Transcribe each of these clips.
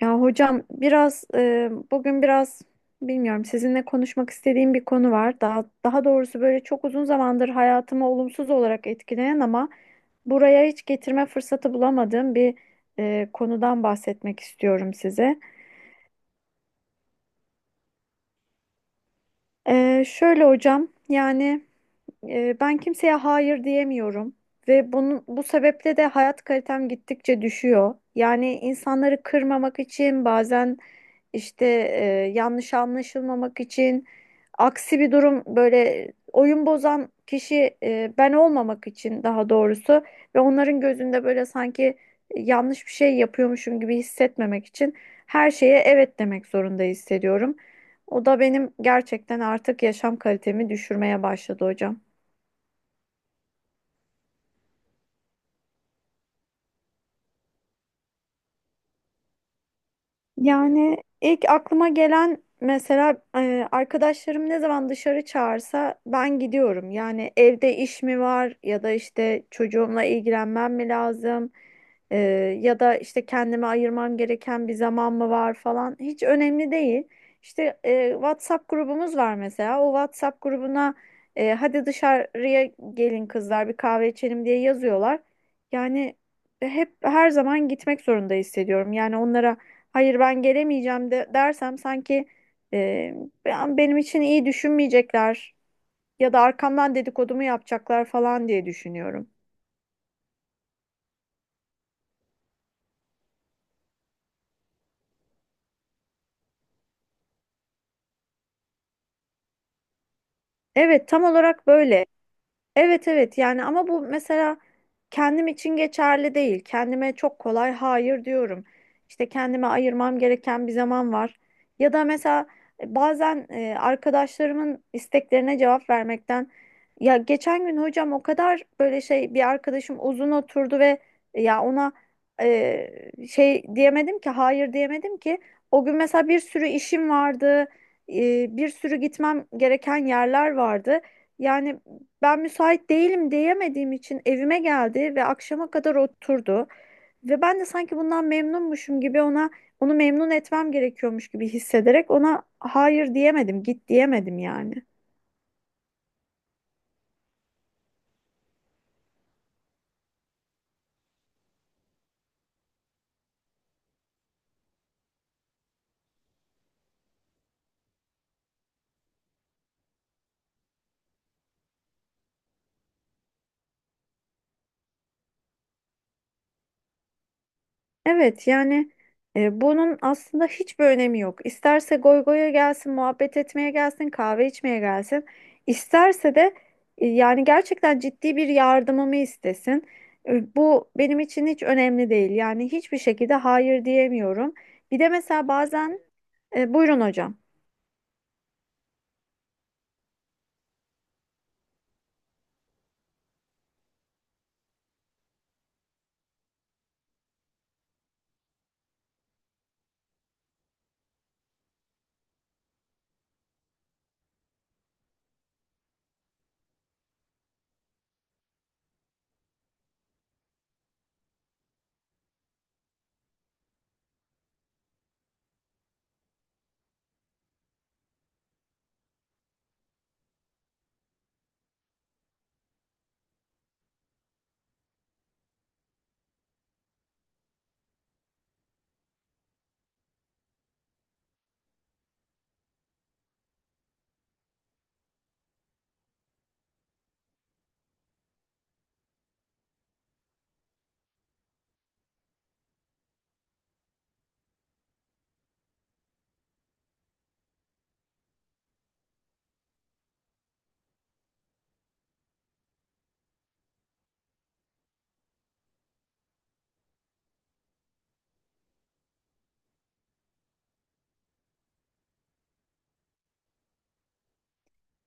Ya hocam biraz bugün biraz bilmiyorum sizinle konuşmak istediğim bir konu var. Daha doğrusu böyle çok uzun zamandır hayatımı olumsuz olarak etkileyen ama buraya hiç getirme fırsatı bulamadığım bir konudan bahsetmek istiyorum size. Şöyle hocam yani. Ben kimseye hayır diyemiyorum ve bunun bu sebeple de hayat kalitem gittikçe düşüyor. Yani insanları kırmamak için bazen işte yanlış anlaşılmamak için aksi bir durum, böyle oyun bozan kişi ben olmamak için daha doğrusu ve onların gözünde böyle sanki yanlış bir şey yapıyormuşum gibi hissetmemek için her şeye evet demek zorunda hissediyorum. O da benim gerçekten artık yaşam kalitemi düşürmeye başladı hocam. Yani ilk aklıma gelen mesela arkadaşlarım ne zaman dışarı çağırsa ben gidiyorum. Yani evde iş mi var ya da işte çocuğumla ilgilenmem mi lazım? E, Ya da işte kendime ayırmam gereken bir zaman mı var falan hiç önemli değil. İşte WhatsApp grubumuz var mesela, o WhatsApp grubuna hadi dışarıya gelin kızlar bir kahve içelim diye yazıyorlar. Yani hep her zaman gitmek zorunda hissediyorum. Yani onlara hayır ben gelemeyeceğim de dersem sanki e, benim için iyi düşünmeyecekler ya da arkamdan dedikodumu yapacaklar falan diye düşünüyorum. Evet, tam olarak böyle. Evet, evet, yani ama bu mesela kendim için geçerli değil. Kendime çok kolay hayır diyorum. İşte kendime ayırmam gereken bir zaman var. Ya da mesela bazen arkadaşlarımın isteklerine cevap vermekten, ya geçen gün hocam o kadar böyle şey, bir arkadaşım uzun oturdu ve ya ona diyemedim ki, hayır diyemedim ki. O gün mesela bir sürü işim vardı. Bir sürü gitmem gereken yerler vardı. Yani ben müsait değilim diyemediğim için evime geldi ve akşama kadar oturdu. Ve ben de sanki bundan memnunmuşum gibi ona, onu memnun etmem gerekiyormuş gibi hissederek ona hayır diyemedim, git diyemedim yani. Evet yani bunun aslında hiçbir önemi yok. İsterse goy goya gelsin, muhabbet etmeye gelsin, kahve içmeye gelsin. İsterse de yani gerçekten ciddi bir yardımımı istesin. Bu benim için hiç önemli değil. Yani hiçbir şekilde hayır diyemiyorum. Bir de mesela bazen buyurun hocam.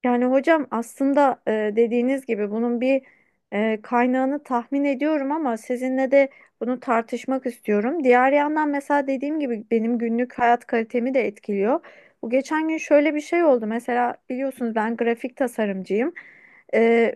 Yani hocam aslında dediğiniz gibi bunun bir kaynağını tahmin ediyorum ama sizinle de bunu tartışmak istiyorum. Diğer yandan mesela dediğim gibi benim günlük hayat kalitemi de etkiliyor. Bu geçen gün şöyle bir şey oldu. Mesela biliyorsunuz ben grafik tasarımcıyım. E,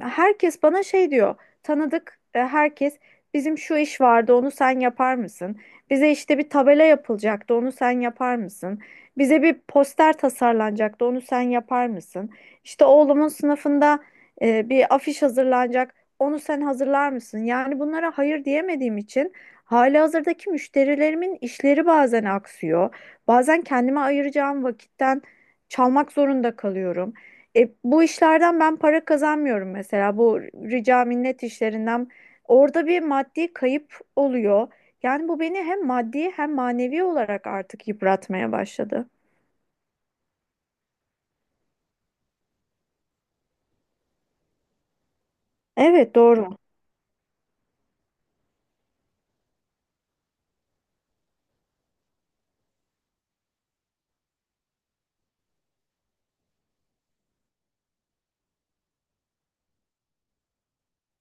Herkes bana şey diyor. Tanıdık herkes, bizim şu iş vardı onu sen yapar mısın? Bize işte bir tabela yapılacaktı, onu sen yapar mısın? Bize bir poster tasarlanacaktı, onu sen yapar mısın? İşte oğlumun sınıfında bir afiş hazırlanacak, onu sen hazırlar mısın? Yani bunlara hayır diyemediğim için halihazırdaki müşterilerimin işleri bazen aksıyor. Bazen kendime ayıracağım vakitten çalmak zorunda kalıyorum. Bu işlerden ben para kazanmıyorum mesela, bu rica minnet işlerinden. Orada bir maddi kayıp oluyor. Yani bu beni hem maddi hem manevi olarak artık yıpratmaya başladı. Evet, doğru.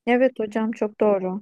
Evet hocam, çok doğru.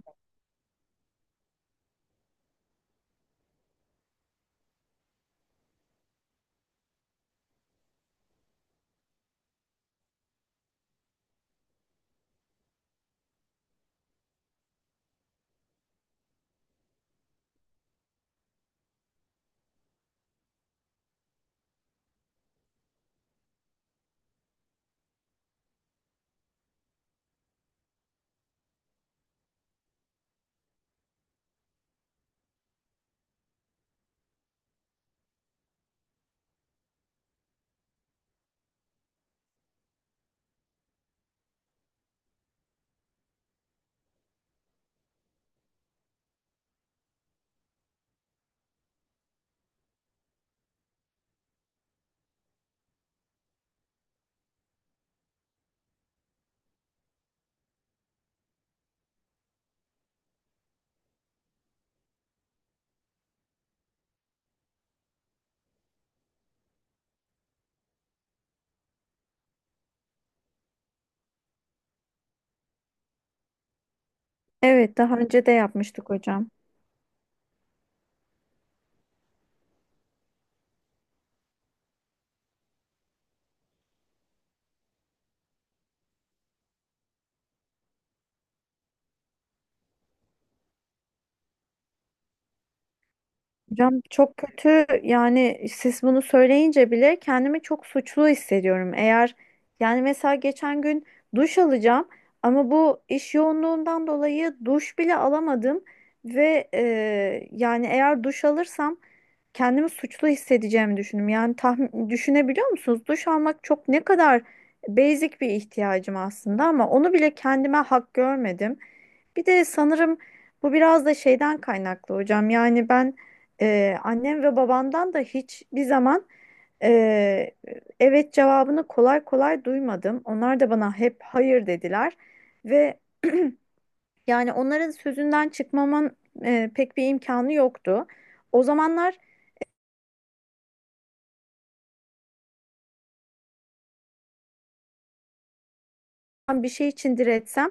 Evet, daha önce de yapmıştık hocam. Hocam çok kötü, yani siz bunu söyleyince bile kendimi çok suçlu hissediyorum. Eğer, yani mesela geçen gün duş alacağım ama bu iş yoğunluğundan dolayı duş bile alamadım ve yani eğer duş alırsam kendimi suçlu hissedeceğimi düşündüm. Yani tahmin, düşünebiliyor musunuz? Duş almak çok, ne kadar basic bir ihtiyacım aslında ama onu bile kendime hak görmedim. Bir de sanırım bu biraz da şeyden kaynaklı hocam. Yani ben annem ve babamdan da hiçbir zaman ee, evet cevabını kolay kolay duymadım. Onlar da bana hep hayır dediler ve yani onların sözünden çıkmamın pek bir imkanı yoktu. O zamanlar bir şey için diretsem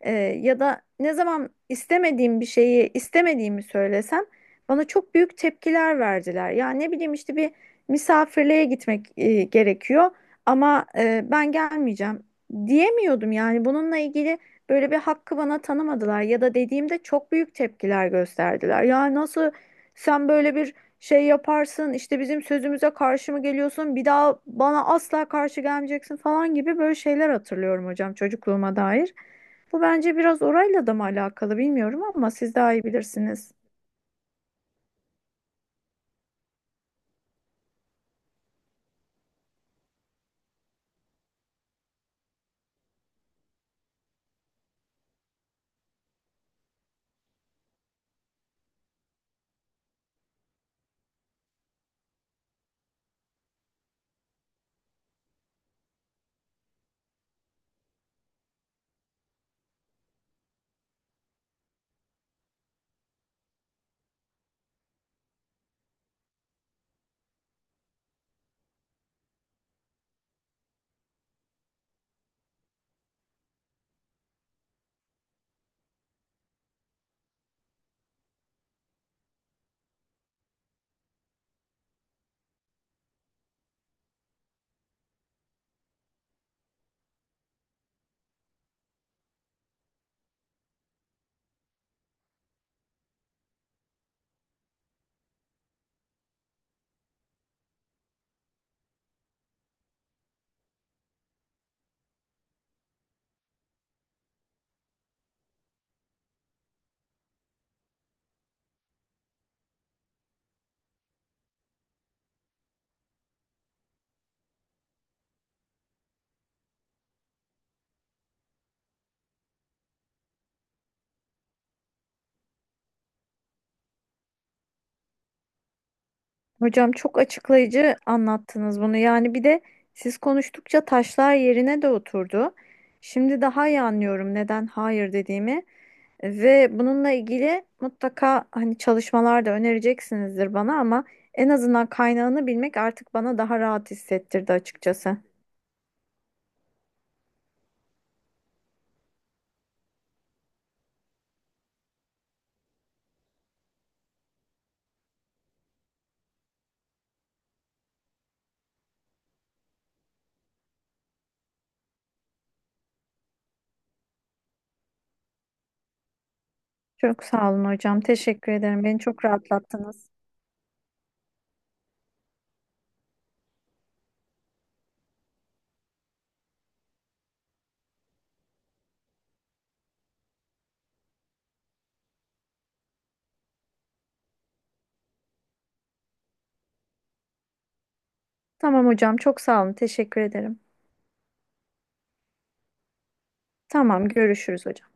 ya da ne zaman istemediğim bir şeyi istemediğimi söylesem bana çok büyük tepkiler verdiler. Ya ne bileyim, işte bir misafirliğe gitmek gerekiyor ama ben gelmeyeceğim diyemiyordum, yani bununla ilgili böyle bir hakkı bana tanımadılar ya da dediğimde çok büyük tepkiler gösterdiler. Ya nasıl sen böyle bir şey yaparsın, işte bizim sözümüze karşı mı geliyorsun, bir daha bana asla karşı gelmeyeceksin falan gibi böyle şeyler hatırlıyorum hocam çocukluğuma dair. Bu bence biraz orayla da mı alakalı bilmiyorum ama siz daha iyi bilirsiniz. Hocam çok açıklayıcı anlattınız bunu. Yani bir de siz konuştukça taşlar yerine de oturdu. Şimdi daha iyi anlıyorum neden hayır dediğimi. Ve bununla ilgili mutlaka hani çalışmalar da önereceksinizdir bana ama en azından kaynağını bilmek artık bana daha rahat hissettirdi açıkçası. Çok sağ olun hocam. Teşekkür ederim. Beni çok rahatlattınız. Tamam hocam, çok sağ olun. Teşekkür ederim. Tamam, görüşürüz hocam.